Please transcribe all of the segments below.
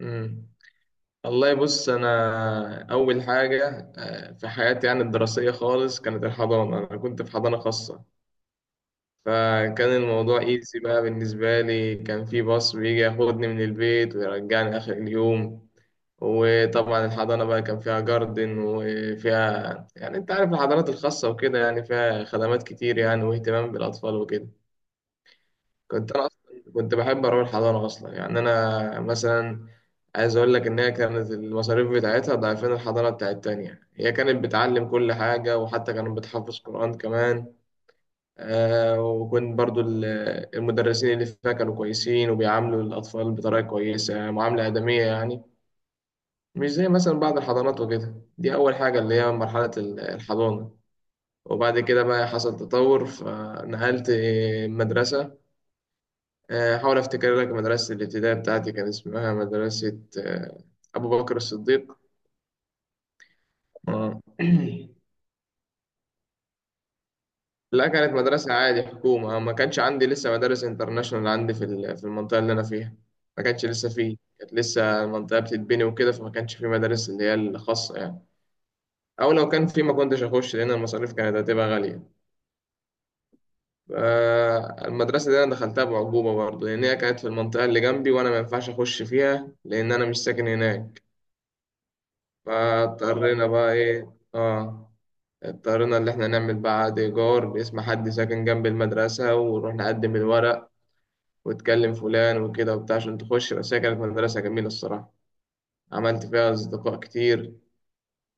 مم. والله بص، انا اول حاجه في حياتي، يعني الدراسيه خالص، كانت الحضانه. انا كنت في حضانه خاصه، فكان الموضوع ايزي بقى بالنسبه لي. كان في باص بيجي ياخدني من البيت ويرجعني اخر اليوم. وطبعا الحضانه بقى كان فيها جاردن، وفيها يعني انت عارف الحضانات الخاصه وكده، يعني فيها خدمات كتير يعني، واهتمام بالاطفال وكده. كنت انا اصلا كنت بحب اروح الحضانه اصلا، يعني انا مثلا عايز اقول لك ان هي كانت المصاريف بتاعتها ضعفين الحضانه بتاعت التانية. هي كانت بتعلم كل حاجه، وحتى كانت بتحفظ قران كمان. وكنت برضو المدرسين اللي فيها كانوا كويسين، وبيعاملوا الاطفال بطريقه كويسه، معامله ادميه يعني، مش زي مثلا بعض الحضانات وكده. دي اول حاجه، اللي هي مرحله الحضانه. وبعد كده بقى حصل تطور، فنقلت مدرسه. حاول افتكر لك، مدرسة الابتدائي بتاعتي كان اسمها مدرسة ابو بكر الصديق. آه. لا، كانت مدرسة عادي، حكومة. ما كانش عندي لسه مدارس انترناشونال عندي في في المنطقة اللي أنا فيها. ما كانش لسه فيه، كانت لسه المنطقة بتتبني وكده، فما كانش في مدارس اللي هي الخاصة يعني، أو لو كان في ما كنتش أخش لأن المصاريف كانت هتبقى غالية. ف- المدرسة دي أنا دخلتها بعجوبة برضه، لأن هي كانت في المنطقة اللي جنبي، وأنا ما ينفعش أخش فيها لأن أنا مش ساكن هناك. فاضطرينا بقى ايه، اه، اضطرينا اللي احنا نعمل بقى عقد ايجار باسم حد ساكن جنب المدرسة، ونروح نقدم الورق، وتكلم فلان وكده وبتاع عشان تخش. بس هي كانت مدرسة جميلة الصراحة، عملت فيها أصدقاء كتير.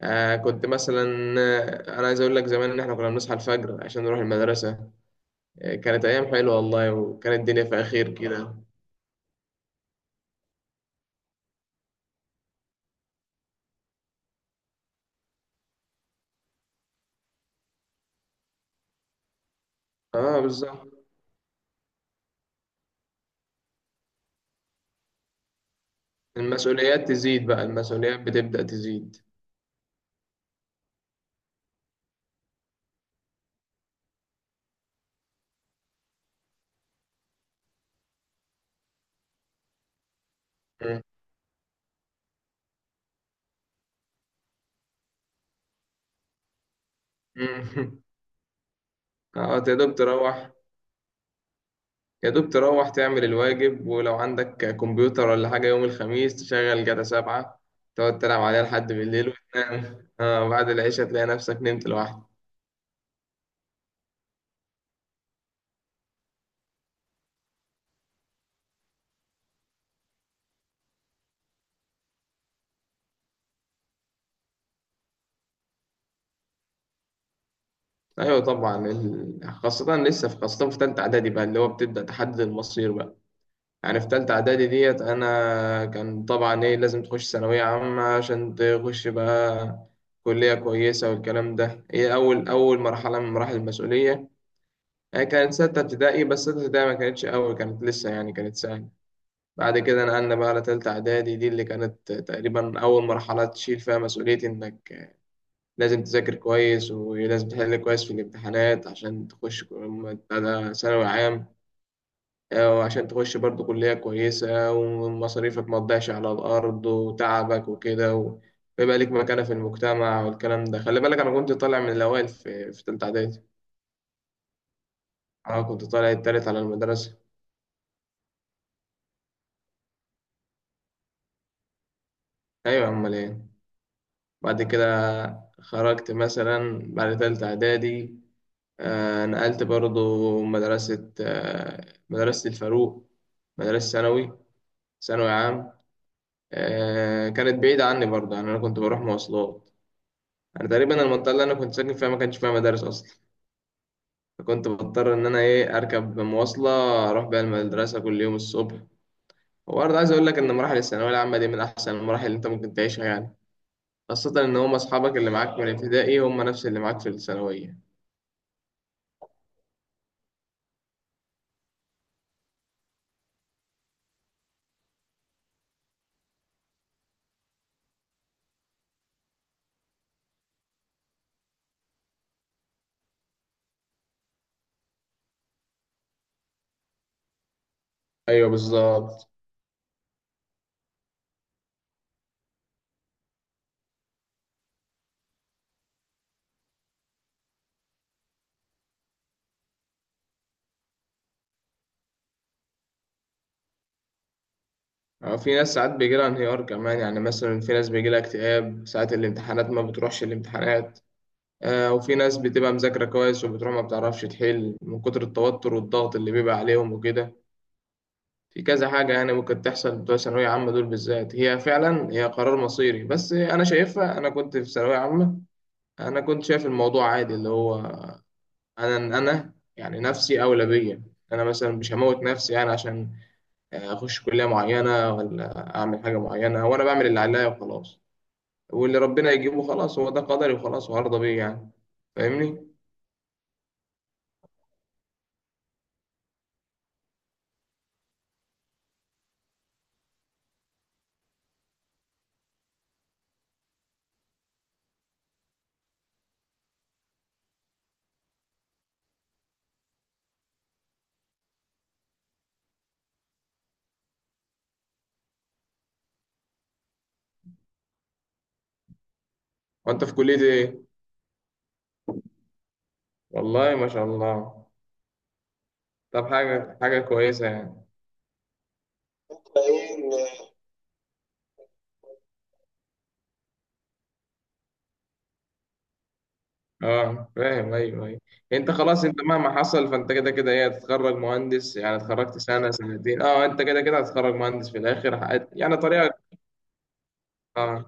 آه كنت مثلا أنا عايز أقول لك زمان، إن إحنا كنا بنصحى الفجر عشان نروح المدرسة. كانت أيام حلوة والله، وكانت الدنيا في خير كده. اه بالظبط. المسؤوليات تزيد بقى، المسؤوليات بتبدأ تزيد. مم. مم. اه، تقدر تروح يا دوب، تروح تعمل الواجب. ولو عندك كمبيوتر ولا حاجة، يوم الخميس تشغل جاتا 7، تقعد تلعب عليها لحد بالليل، وتنام بعد العشاء تلاقي نفسك نمت لوحدك. أيوة طبعا. خاصة لسه في، خاصة في تالتة إعدادي بقى، اللي هو بتبدأ تحدد المصير بقى. يعني في تالتة إعدادي ديت، أنا كان طبعا إيه، لازم تخش ثانوية عامة عشان تخش بقى كلية كويسة والكلام ده. هي أول أول مرحلة من مراحل المسؤولية. هي كانت 6 ابتدائي، بس 6 ابتدائي ما كانتش أول، كانت لسه يعني كانت سهلة. بعد كده نقلنا بقى على تالتة إعدادي دي، اللي كانت تقريبا أول مرحلة تشيل فيها مسؤولية، إنك لازم تذاكر كويس، ولازم تحل كويس في الامتحانات عشان تخش بتاع ثانوي عام. وعشان تخش برضو كلية كويسة، ومصاريفك ما تضيعش على الأرض وتعبك وكده، ويبقى ليك مكانة في المجتمع والكلام ده. خلي بالك، أنا كنت طالع من الأوائل في تالتة إعدادي. أنا كنت طالع التالت على المدرسة. أيوة أمال إيه. بعد كده خرجت مثلا بعد تالتة إعدادي، نقلت برضو مدرسة، مدرسة الفاروق، مدرسة ثانوي، ثانوي عام. كانت بعيدة عني برضو، يعني أنا كنت بروح مواصلات. أنا تقريبا المنطقة اللي أنا كنت ساكن فيها ما كانش فيها مدارس أصلا، فكنت بضطر إن أنا إيه أركب مواصلة أروح بيها المدرسة كل يوم الصبح. وبرضه عايز أقول لك إن مراحل الثانوية العامة دي من أحسن المراحل اللي أنت ممكن تعيشها يعني، خاصة إن هم أصحابك اللي معاك من الابتدائي هم نفس اللي معاك في الثانوية. أيوه بالظبط. اه، في ناس ساعات بيجي لها انهيار كمان. يعني مثلا في ناس بيجي لها اكتئاب ساعة الامتحانات ما بتروحش الامتحانات. وفي ناس بتبقى مذاكرة كويس وبتروح ما بتعرفش تحل من كتر التوتر والضغط اللي بيبقى عليهم وكده. في كذا حاجة يعني ممكن تحصل بتوع ثانوية عامة دول بالذات، هي فعلا هي قرار مصيري. بس أنا شايفها، أنا كنت في ثانوية عامة أنا كنت شايف الموضوع عادي، اللي هو أنا يعني نفسي أولى بيا. أنا مثلا مش هموت نفسي يعني عشان اخش كليه معينه ولا اعمل حاجه معينه، وانا بعمل اللي عليا وخلاص، واللي ربنا يجيبه خلاص هو ده قدري وخلاص وهرضى بيه يعني. فاهمني؟ وانت في كليه ايه؟ والله ما شاء الله. طب حاجه، حاجه كويسه يعني. اه فاهم، ايوه، ايوه. انت خلاص، انت مهما حصل فانت كده كده ايه هتتخرج مهندس. يعني اتخرجت سنه سنتين اه، انت كده كده هتتخرج مهندس في الاخر. يعني طريقه. اه.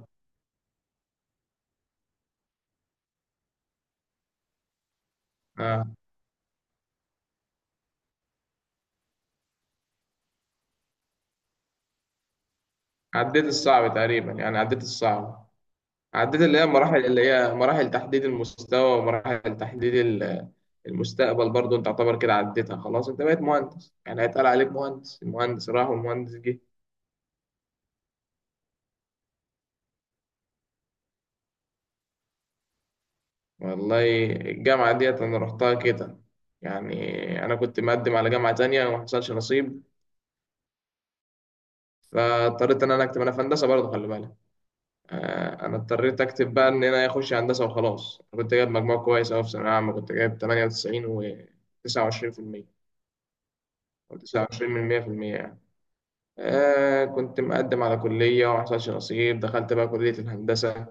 اه. عديت الصعب تقريبا يعني، عديت الصعب. عديت اللي هي مراحل تحديد المستوى، ومراحل تحديد المستقبل برضو. انت تعتبر كده عديتها خلاص، انت بقيت مهندس يعني. هيتقال عليك مهندس، المهندس راح والمهندس جه. والله الجامعة ديت انا رحتها كده. يعني انا كنت مقدم على جامعة تانية وما حصلش نصيب، فاضطريت ان انا اكتب انا في هندسة برضه خلي بالك. انا اضطريت اكتب بقى ان انا اخش هندسة وخلاص. انا كنت جايب مجموع كويس اوي في ثانوية عامة، كنت جايب 98 و 29%، او 29 من 100%. كنت مقدم على كلية وما حصلش نصيب، دخلت بقى كلية الهندسة.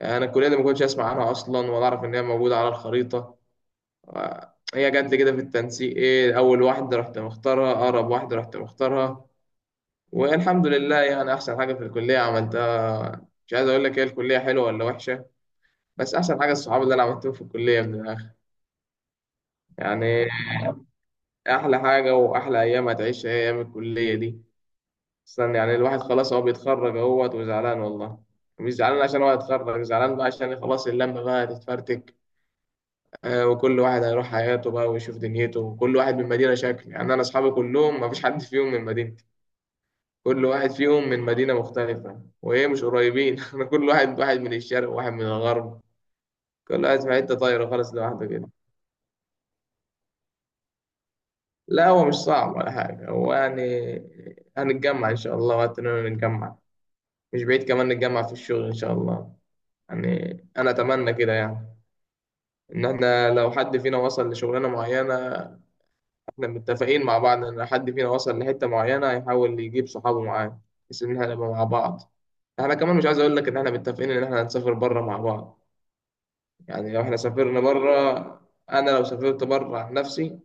يعني أنا الكلية دي ما كنتش أسمع عنها أصلا، ولا أعرف إن هي موجودة على الخريطة. هي جت لي كده في التنسيق، إيه، أول واحدة رحت مختارها، أقرب واحدة رحت مختارها. والحمد لله يعني، أحسن حاجة في الكلية عملتها. مش عايز أقول لك هي الكلية حلوة ولا وحشة، بس أحسن حاجة الصحاب اللي أنا عملتهم في الكلية، من الآخر يعني، أحلى حاجة وأحلى أيام هتعيشها هي أيام الكلية دي. استنى يعني، الواحد خلاص هو بيتخرج اهوت وزعلان والله. مش زعلان عشان هو هيتخرج، زعلان بقى عشان خلاص اللمة بقى هتتفرتك. وكل واحد هيروح حياته بقى ويشوف دنيته، وكل واحد من مدينة شكل. يعني أنا أصحابي كلهم ما فيش حد فيهم من مدينتي، كل واحد فيهم من مدينة مختلفة، وإيه مش قريبين. أنا كل واحد، واحد من الشرق وواحد من الغرب، كل واحد في حتة طايرة خالص لوحده كده. لا هو مش صعب ولا حاجة هو يعني، هنتجمع إن شاء الله وقت إننا نتجمع، مش بعيد كمان نتجمع في الشغل إن شاء الله. يعني انا اتمنى كده يعني، ان احنا لو حد فينا وصل لشغلانه معينه، احنا متفقين مع بعض ان حد فينا وصل لحته معينه هيحاول يجيب صحابه معاه، بحيث ان احنا نبقى مع بعض. احنا كمان مش عايز اقول لك ان احنا متفقين ان احنا هنسافر بره مع بعض. يعني لو احنا سافرنا بره، انا لو سافرت بره عن نفسي،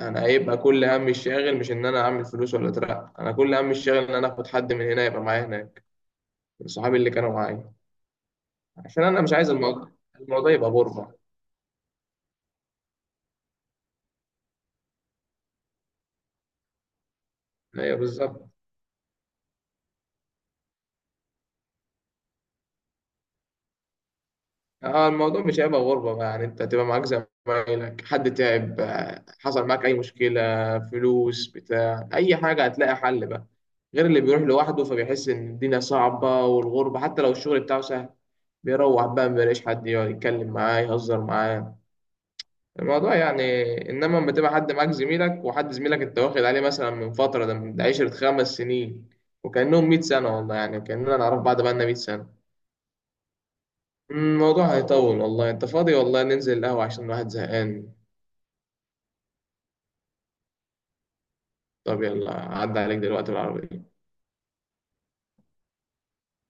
انا هيبقى كل همي الشاغل مش ان انا اعمل فلوس ولا اترقى، انا كل همي الشاغل ان انا اخد حد من هنا يبقى معايا هناك، من صحابي اللي كانوا معايا. عشان انا مش عايز الموضوع، الموضوع يبقى غربه. ايوه بالظبط. اه، الموضوع مش هيبقى غربة بقى. يعني انت هتبقى معاك زمايلك، حد تعب حصل معاك اي مشكلة، فلوس بتاع اي حاجة، هتلاقي حل بقى. غير اللي بيروح لوحده فبيحس ان الدنيا صعبة والغربة، حتى لو الشغل بتاعه سهل، بيروح بقى مبيلاقيش حد يقعد يتكلم معاه يهزر معاه الموضوع يعني. انما لما تبقى حد معاك زميلك، وحد زميلك انت واخد عليه مثلا من فترة، ده من ده 10 5 سنين، وكأنهم 100 سنة والله، يعني كأننا نعرف بعض بقالنا 100 سنة. الموضوع هيطول والله، انت فاضي؟ والله ننزل القهوة عشان الواحد زهقان. طب يلا، عدى عليك دلوقتي بالعربية.